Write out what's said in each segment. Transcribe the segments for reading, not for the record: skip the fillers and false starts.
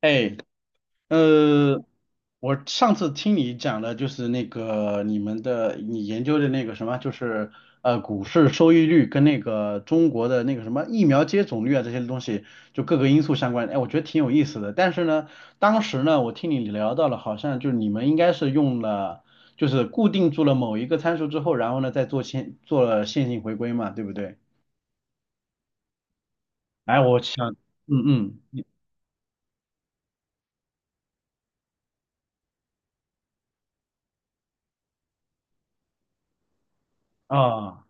哎，呃，我上次听你讲的就是那个你们的你研究的那个什么，就是股市收益率跟那个中国的那个什么疫苗接种率啊这些东西，就各个因素相关。哎，我觉得挺有意思的。但是呢，当时呢，我听你聊到了，好像就是你们应该是用了，就是固定住了某一个参数之后，然后呢再做了线性回归嘛，对不对？哎，我想，嗯嗯，你啊。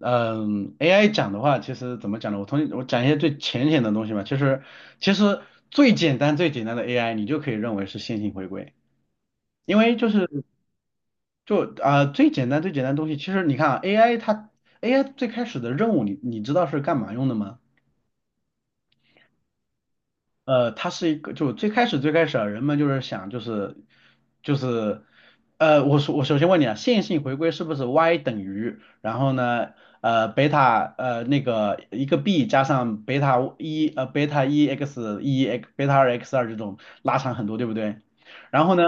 AI 讲的话，其实怎么讲呢？我讲一些最浅显的东西嘛，其实，最简单最简单的 AI，你就可以认为是线性回归，因为就是就啊、最简单最简单的东西，其实你看啊，AI 最开始的任务你知道是干嘛用的吗？它是一个，就最开始最开始啊，人们就是想就是，我首先问你啊，线性回归是不是 y 等于，然后呢，贝塔那个一个 b 加上贝塔一 x 一 x 贝塔二 x 二这种拉长很多，对不对？然后呢，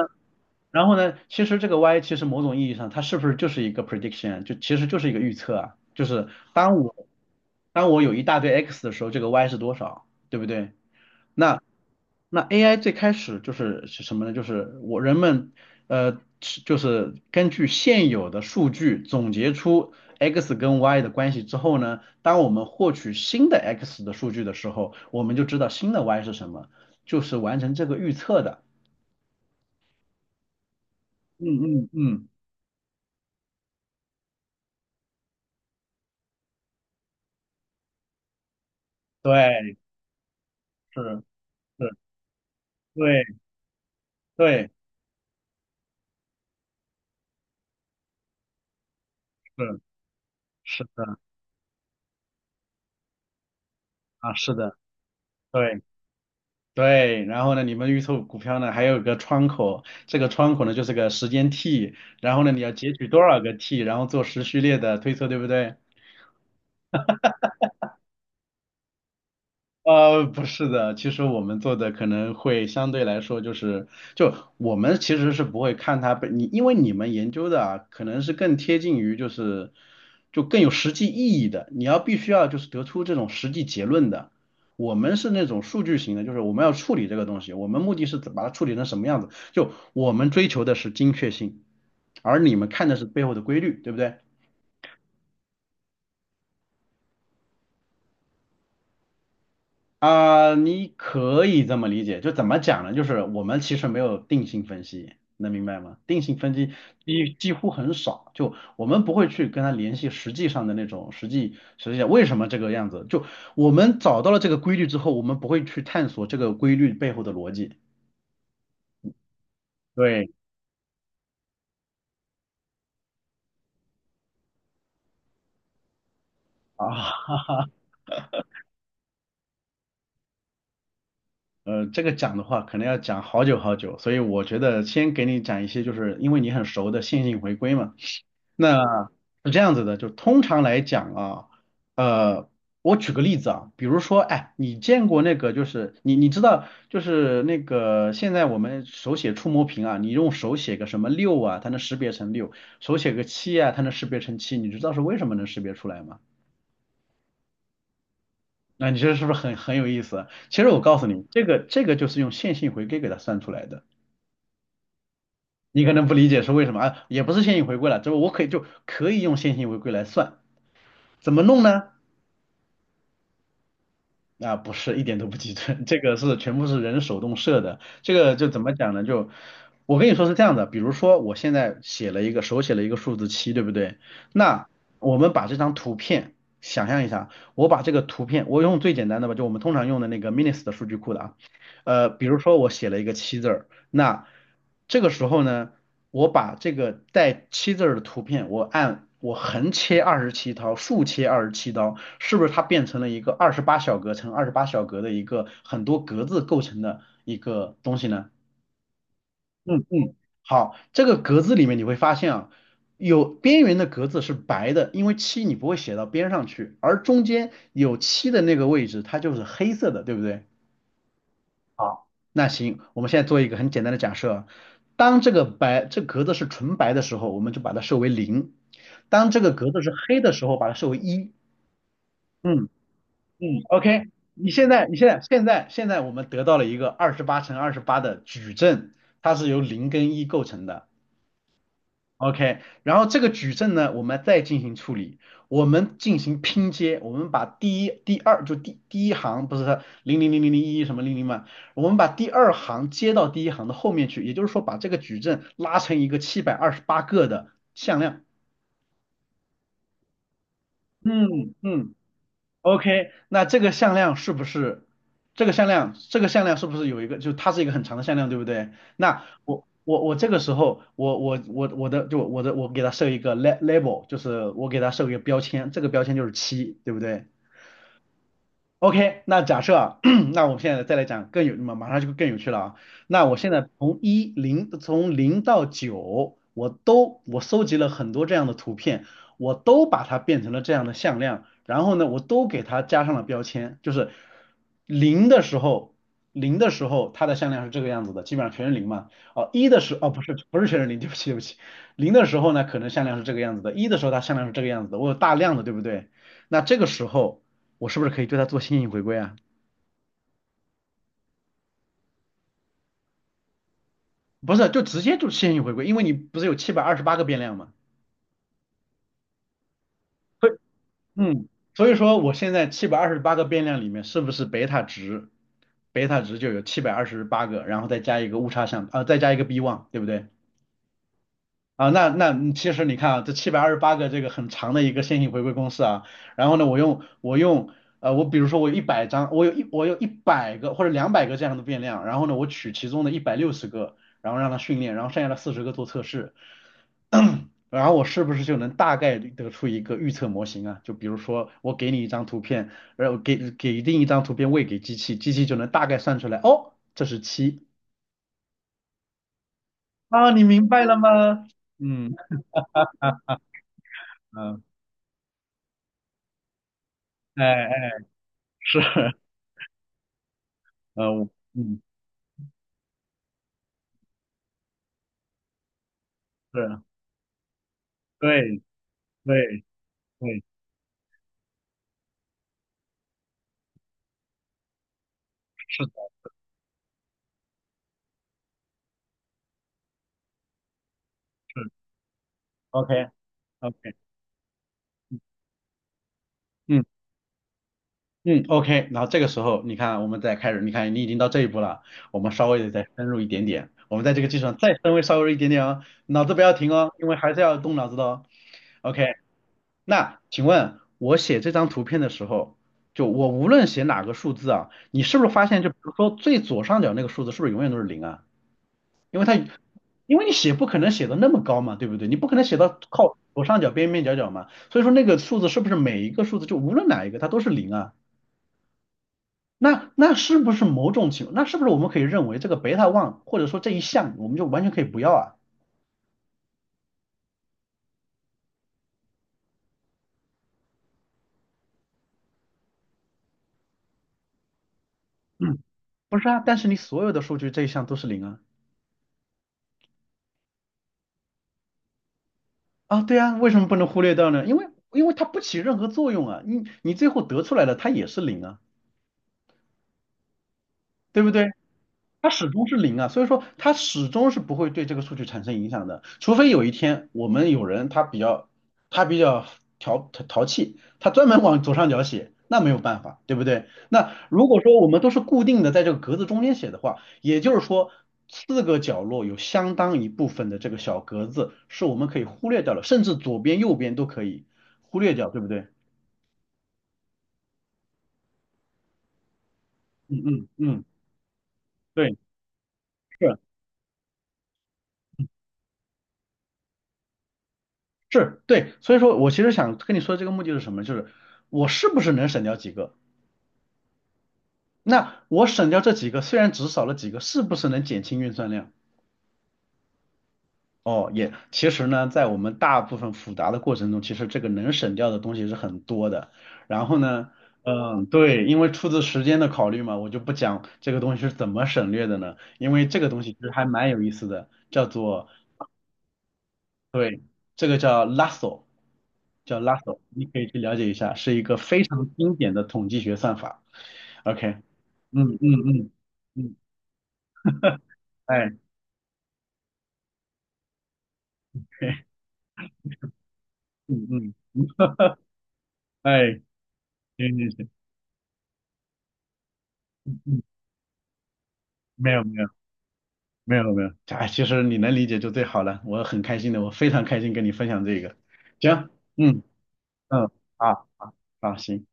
其实这个 y 其实某种意义上它是不是就是一个 prediction，就其实就是一个预测啊，就是当我当我有一大堆 x 的时候，这个 y 是多少，对不对？那。那 AI 最开始是什么呢？就是人们根据现有的数据总结出 x 跟 y 的关系之后呢，当我们获取新的 x 的数据的时候，我们就知道新的 y 是什么，就是完成这个预测的。嗯嗯嗯，对，是是，对对是是的啊，是的，对。对，然后呢，你们预测股票呢还有个窗口，这个窗口呢就是个时间 T，然后呢你要截取多少个 T，然后做时序列的推测，对不对？不是的，其实我们做的可能会相对来说就是，就我们其实是不会看它本你，因为你们研究的啊，可能是更贴近于就是，就更有实际意义的，你要必须要就是得出这种实际结论的。我们是那种数据型的，就是我们要处理这个东西，我们目的是把它处理成什么样子，就我们追求的是精确性，而你们看的是背后的规律，对不对？啊、你可以这么理解，就怎么讲呢？就是我们其实没有定性分析，能明白吗？定性分析几乎很少，就我们不会去跟他联系实际上的那种实际上为什么这个样子。就我们找到了这个规律之后，我们不会去探索这个规律背后的逻辑。对啊，这个讲的话可能要讲好久好久，所以我觉得先给你讲一些，就是因为你很熟的线性回归嘛。那是这样子的，就通常来讲啊，呃，我举个例子啊，比如说，哎，你见过那个，就是你知道，就是那个现在我们手写触摸屏啊，你用手写个什么六啊，它能识别成六，手写个七啊，它能识别成七，你知道是为什么能识别出来吗？那你这是不是很有意思啊？其实我告诉你，这个就是用线性回归给它算出来的。你可能不理解是为什么啊，也不是线性回归了，这我可以就可以用线性回归来算，怎么弄呢？那不是，一点都不集中，这个是全部是人手动设的。这个就怎么讲呢？就我跟你说是这样的，比如说我现在写了一个手写了一个数字七，对不对？那我们把这张图片想象一下，我把这个图片，我用最简单的吧，就我们通常用的那个 MINIS 的数据库的啊，比如说我写了一个七字儿，那这个时候呢，我把这个带七字儿的图片，我横切二十七刀，竖切二十七刀，是不是它变成了一个二十八小格乘二十八小格的一个很多格子构成的一个东西呢？嗯嗯，好，这个格子里面你会发现啊，有边缘的格子是白的，因为七你不会写到边上去，而中间有七的那个位置，它就是黑色的，对不对？好，那行，我们现在做一个很简单的假设，当这个白这个格子是纯白的时候，我们就把它设为零；当这个格子是黑的时候，把它设为一。嗯嗯，OK，你现在我们得到了一个28×28的矩阵，它是由零跟一构成的。OK，然后这个矩阵呢，我们再进行处理，我们进行拼接，我们把第一、第二就第第一行不是零零零零零一什么零零嘛，我们把第二行接到第一行的后面去，也就是说把这个矩阵拉成一个七百二十八个的向量。嗯嗯，OK，那这个向量是不是这个向量，这个向量是不是有一个，就它是一个很长的向量，对不对？那我这个时候，我我我我的就我的我给它设一个 label，就是我给它设一个标签，这个标签就是七，对不对？OK，那假设啊，那我们现在再来讲更有，马马上就更有趣了啊。那我现在从零到九，我都搜集了很多这样的图片，我都把它变成了这样的向量，然后呢，我都给它加上了标签，就是零的时候，零的时候它的向量是这个样子的，基本上全是零嘛。哦，一的时候，哦不是不是全是零，对不起对不起，零的时候呢，可能向量是这个样子的，一的时候它向量是这个样子的，我有大量的，对不对？那这个时候。我是不是可以对它做线性回归啊？不是，就直接就线性回归，因为你不是有七百二十八个变量嘛？所以嗯，所以说我现在七百二十八个变量里面是不是贝塔值，贝塔值就有七百二十八个，然后再加一个误差项，再加一个 b1，对不对？啊，那其实你看啊，这七百二十八个这个很长的一个线性回归公式啊，然后呢，我比如说我有一百张，我有一百个或者200个这样的变量，然后呢，我取其中的160个，然后让它训练，然后剩下的40个做测试，然后我是不是就能大概率得出一个预测模型啊？就比如说我给你一张图片，然后给定一张图片喂给机器，机器就能大概算出来，哦，这是七啊，你明白了吗？嗯嗯，哎哎。是，呃，我嗯，是，对对对，是的，是，OK OK，嗯嗯，OK，然后这个时候你看，我们再开始，你看你已经到这一步了，我们稍微的再深入一点点，我们在这个基础上再深微稍微一点点哦，脑子不要停哦，因为还是要动脑子的哦。OK，那请问我写这张图片的时候，就我无论写哪个数字啊，你是不是发现，就比如说最左上角那个数字是不是永远都是零啊？因为它因为你写不可能写的那么高嘛，对不对？你不可能写到靠左上角边边角角嘛，所以说那个数字是不是每一个数字就无论哪一个它都是零啊？那是不是某种情况那是不是我们可以认为这个贝塔 one 或者说这一项我们就完全可以不要啊？嗯，不是啊，但是你所有的数据这一项都是零啊啊，对啊，为什么不能忽略掉呢？因为它不起任何作用啊，你最后得出来的它也是零啊，对不对？它始终是零啊，所以说它始终是不会对这个数据产生影响的，除非有一天我们有人他比较他比较淘气，他专门往左上角写，那没有办法，对不对？那如果说我们都是固定的在这个格子中间写的话，也就是说四个角落有相当一部分的这个小格子是我们可以忽略掉了，甚至左边右边都可以忽略掉，对不对？嗯嗯嗯，对。是。是对，所以说我其实想跟你说这个目的是什么，就是我是不是能省掉几个？那我省掉这几个，虽然只少了几个，是不是能减轻运算量？哦，也其实呢，在我们大部分复杂的过程中，其实这个能省掉的东西是很多的。然后呢，嗯，对，因为出自时间的考虑嘛，我就不讲这个东西是怎么省略的呢，因为这个东西其实还蛮有意思的，叫做对，这个叫 Lasso，叫 Lasso，你可以去了解一下，是一个非常经典的统计学算法。OK，嗯嗯嗯嗯，哎，嗯嗯，哎，行行行，嗯，没有没有没有没有，哎，其实你能理解就最好了，我很开心的，我非常开心跟你分享这个。行，嗯嗯，啊啊，好行。